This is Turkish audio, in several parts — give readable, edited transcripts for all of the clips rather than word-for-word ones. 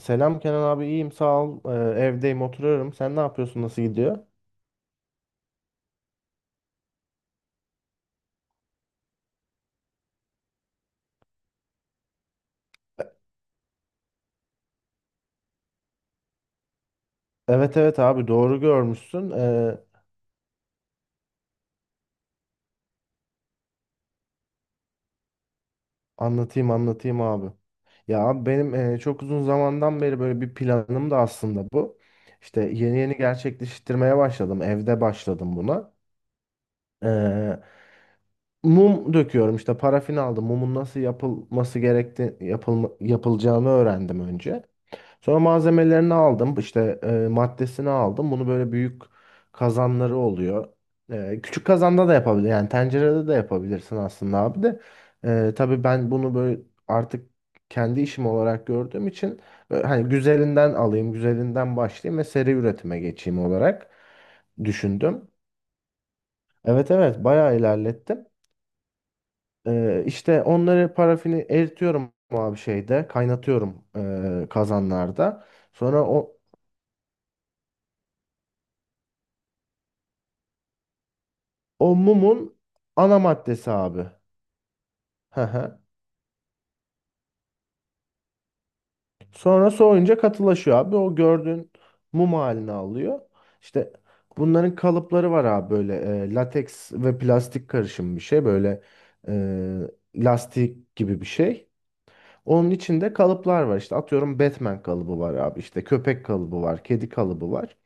Selam Kenan abi, iyiyim sağ ol. Evdeyim, oturuyorum. Sen ne yapıyorsun? Nasıl gidiyor? Evet, evet abi, doğru görmüşsün. Anlatayım abi. Ya abi, benim çok uzun zamandan beri böyle bir planım da aslında bu. İşte yeni yeni gerçekleştirmeye başladım. Evde başladım buna. Ee, Mum döküyorum, işte parafin aldım. Mumun nasıl yapılacağını öğrendim önce. Sonra malzemelerini aldım. İşte maddesini aldım. Bunu böyle büyük kazanları oluyor. Küçük kazanda da yapabilir. Yani tencerede de yapabilirsin aslında abi de. Tabii ben bunu böyle artık kendi işim olarak gördüğüm için hani güzelinden alayım, güzelinden başlayayım ve seri üretime geçeyim olarak düşündüm. Evet, evet bayağı ilerlettim. İşte onları, parafini eritiyorum abi, şeyde kaynatıyorum, kazanlarda. Sonra o O mumun ana maddesi abi. Hı hı. Sonra soğuyunca katılaşıyor abi. O gördüğün mum halini alıyor. İşte bunların kalıpları var abi, böyle lateks ve plastik karışım bir şey. Böyle e, lastik gibi bir şey. Onun içinde kalıplar var. İşte atıyorum, Batman kalıbı var abi. İşte köpek kalıbı var. Kedi kalıbı var.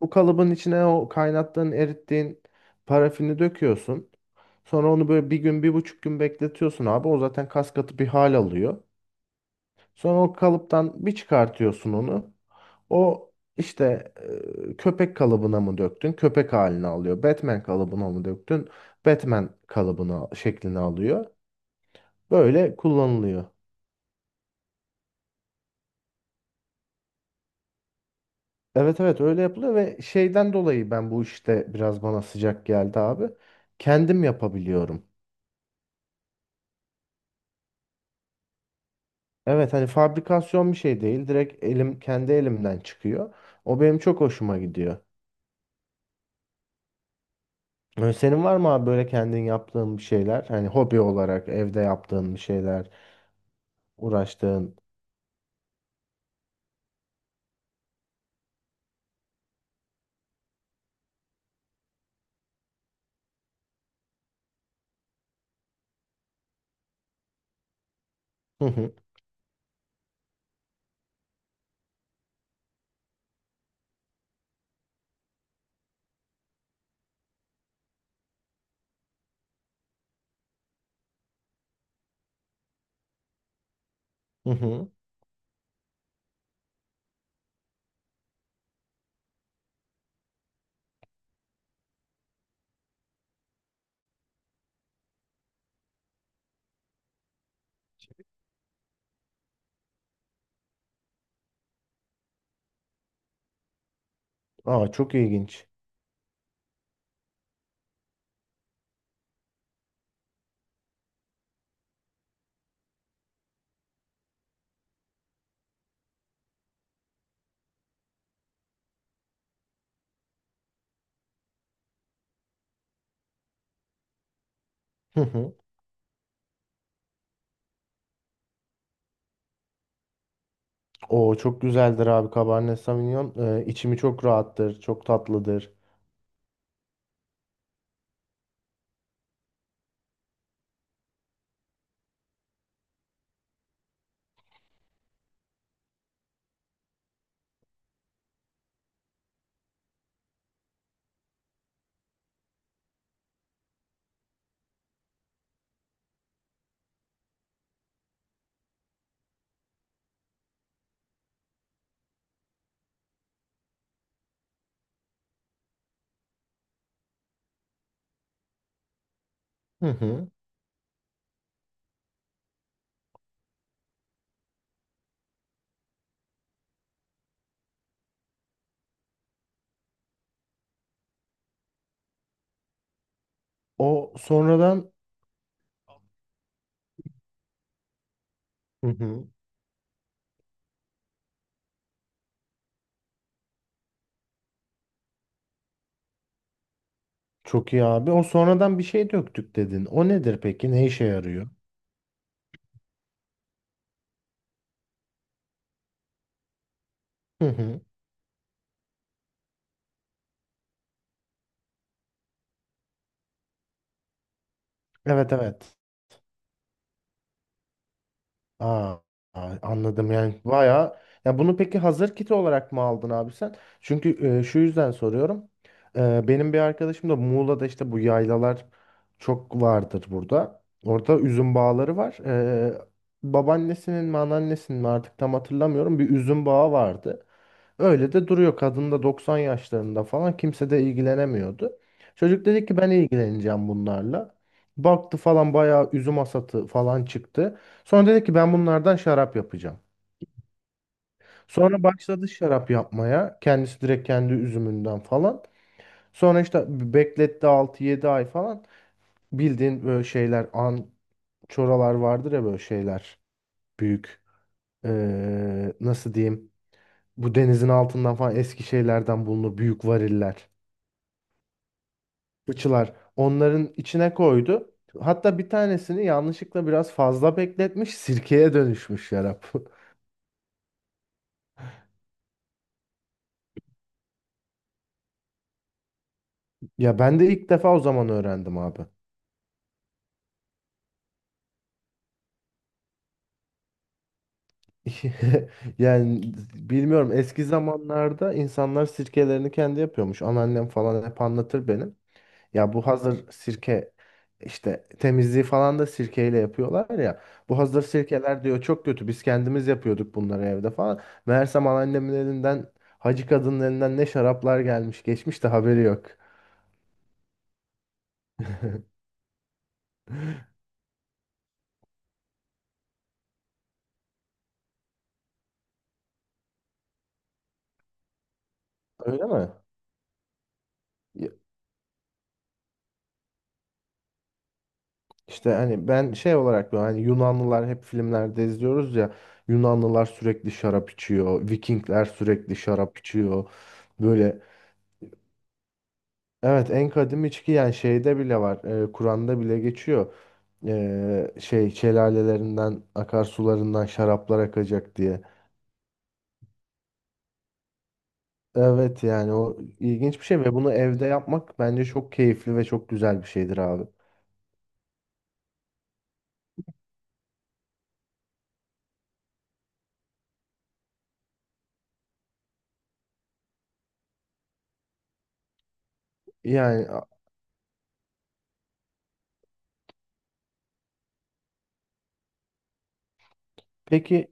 Bu kalıbın içine o kaynattığın, erittiğin parafini döküyorsun. Sonra onu böyle bir gün, 1,5 gün bekletiyorsun abi. O zaten kas katı bir hal alıyor. Sonra o kalıptan bir çıkartıyorsun onu. O işte köpek kalıbına mı döktün? Köpek halini alıyor. Batman kalıbına mı döktün? Batman kalıbına şeklini alıyor. Böyle kullanılıyor. Evet, evet öyle yapılıyor ve şeyden dolayı ben bu işte biraz bana sıcak geldi abi. Kendim yapabiliyorum. Evet, hani fabrikasyon bir şey değil. Direkt elim, kendi elimden çıkıyor. O benim çok hoşuma gidiyor. Senin var mı abi böyle kendin yaptığın bir şeyler? Hani hobi olarak evde yaptığın bir şeyler, uğraştığın. Hı hı. Hı hı. Aa, çok ilginç. Hı hı. Oo, çok güzeldir abi Cabernet Sauvignon. İçimi çok rahattır, çok tatlıdır. Hı hı. O sonradan Hı hı. Çok iyi abi. O sonradan bir şey döktük dedin. O nedir peki? Ne işe yarıyor? Hı hı. Evet, evet. Aa, aa, anladım, yani bayağı. Ya bunu peki hazır kit olarak mı aldın abi sen? Çünkü şu yüzden soruyorum. Benim bir arkadaşım da Muğla'da, işte bu yaylalar çok vardır burada. Orada üzüm bağları var. Babaannesinin mi, anneannesinin mi artık tam hatırlamıyorum, bir üzüm bağı vardı. Öyle de duruyor. Kadın da 90 yaşlarında falan, kimse de ilgilenemiyordu. Çocuk dedi ki ben ilgileneceğim bunlarla. Baktı falan, bayağı üzüm asatı falan çıktı. Sonra dedi ki ben bunlardan şarap yapacağım. Sonra başladı şarap yapmaya. Kendisi direkt kendi üzümünden falan. Sonra işte bekletti 6-7 ay falan. Bildiğin böyle şeyler çoralar vardır ya böyle şeyler. Büyük, nasıl diyeyim. Bu denizin altından falan eski şeylerden bulunur. Büyük variller. Fıçılar, onların içine koydu. Hatta bir tanesini yanlışlıkla biraz fazla bekletmiş, sirkeye dönüşmüş şarap. Ya ben de ilk defa o zaman öğrendim abi. Yani bilmiyorum, eski zamanlarda insanlar sirkelerini kendi yapıyormuş. Anneannem falan hep anlatır benim. Ya bu hazır sirke, işte temizliği falan da sirkeyle yapıyorlar ya. Bu hazır sirkeler diyor çok kötü. Biz kendimiz yapıyorduk bunları evde falan. Meğersem anneannemin elinden, hacı kadının elinden ne şaraplar gelmiş geçmiş de haberi yok. Öyle mi? Ya- İşte hani ben şey olarak diyorum, hani Yunanlılar hep filmlerde izliyoruz ya, Yunanlılar sürekli şarap içiyor, Vikingler sürekli şarap içiyor. Böyle Evet en kadim içki, yani şeyde bile var. Kur'an'da bile geçiyor. Şey şelalelerinden, akarsularından şaraplar akacak diye. Evet, yani o ilginç bir şey ve bunu evde yapmak bence çok keyifli ve çok güzel bir şeydir abi. Yani a- peki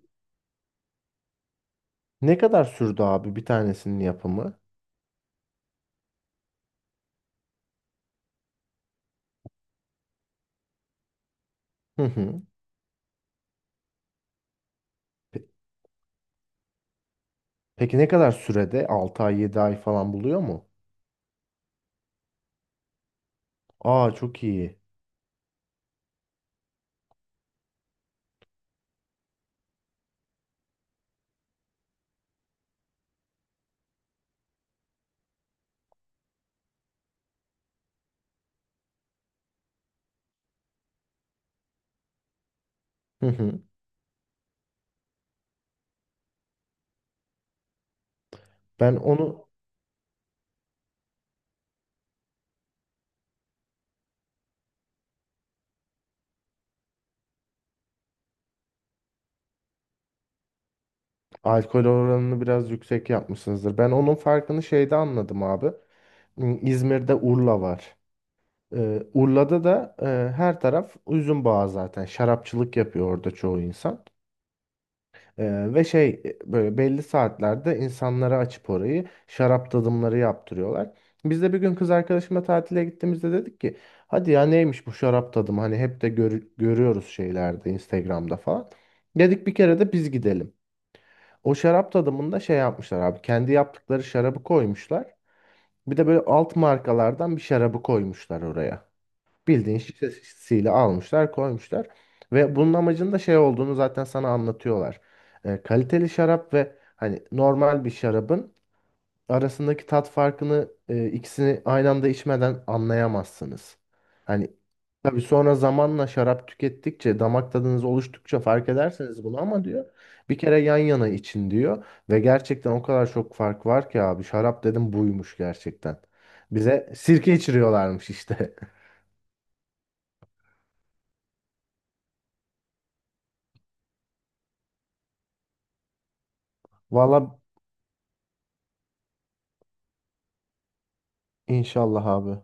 ne kadar sürdü abi bir tanesinin yapımı? Hı hı. Pe- Peki ne kadar sürede? 6 ay, 7 ay falan buluyor mu? Aa, çok iyi. Hı hı. Ben onu Alkol oranını biraz yüksek yapmışsınızdır. Ben onun farkını şeyde anladım abi. Hmm, İzmir'de Urla var. Urla'da da her taraf üzüm bağı zaten. Şarapçılık yapıyor orada çoğu insan. Ve şey, böyle belli saatlerde insanlara açıp orayı şarap tadımları yaptırıyorlar. Biz de bir gün kız arkadaşımla tatile gittiğimizde dedik ki hadi ya, neymiş bu şarap tadımı, hani hep de görüyoruz şeylerde, Instagram'da falan. Dedik bir kere de biz gidelim. O şarap tadımında şey yapmışlar abi. Kendi yaptıkları şarabı koymuşlar. Bir de böyle alt markalardan bir şarabı koymuşlar oraya. Bildiğin şişesiyle almışlar, koymuşlar. Ve bunun amacının da şey olduğunu zaten sana anlatıyorlar. Kaliteli şarap ve hani normal bir şarabın arasındaki tat farkını ikisini aynı anda içmeden anlayamazsınız. Hani tabii sonra zamanla şarap tükettikçe, damak tadınız oluştukça fark edersiniz bunu ama diyor bir kere yan yana için diyor ve gerçekten o kadar çok fark var ki abi, şarap dedim buymuş gerçekten. Bize sirke içiriyorlarmış işte. Valla inşallah abi.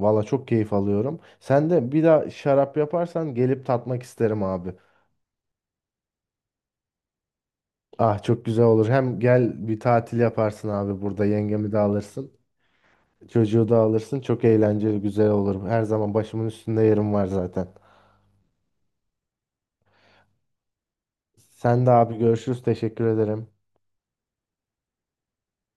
Valla çok keyif alıyorum. Sen de bir daha şarap yaparsan gelip tatmak isterim abi. Ah çok güzel olur. Hem gel bir tatil yaparsın abi burada. Yengemi de alırsın. Çocuğu da alırsın. Çok eğlenceli, güzel olur. Her zaman başımın üstünde yerim var zaten. Sen de abi görüşürüz. Teşekkür ederim.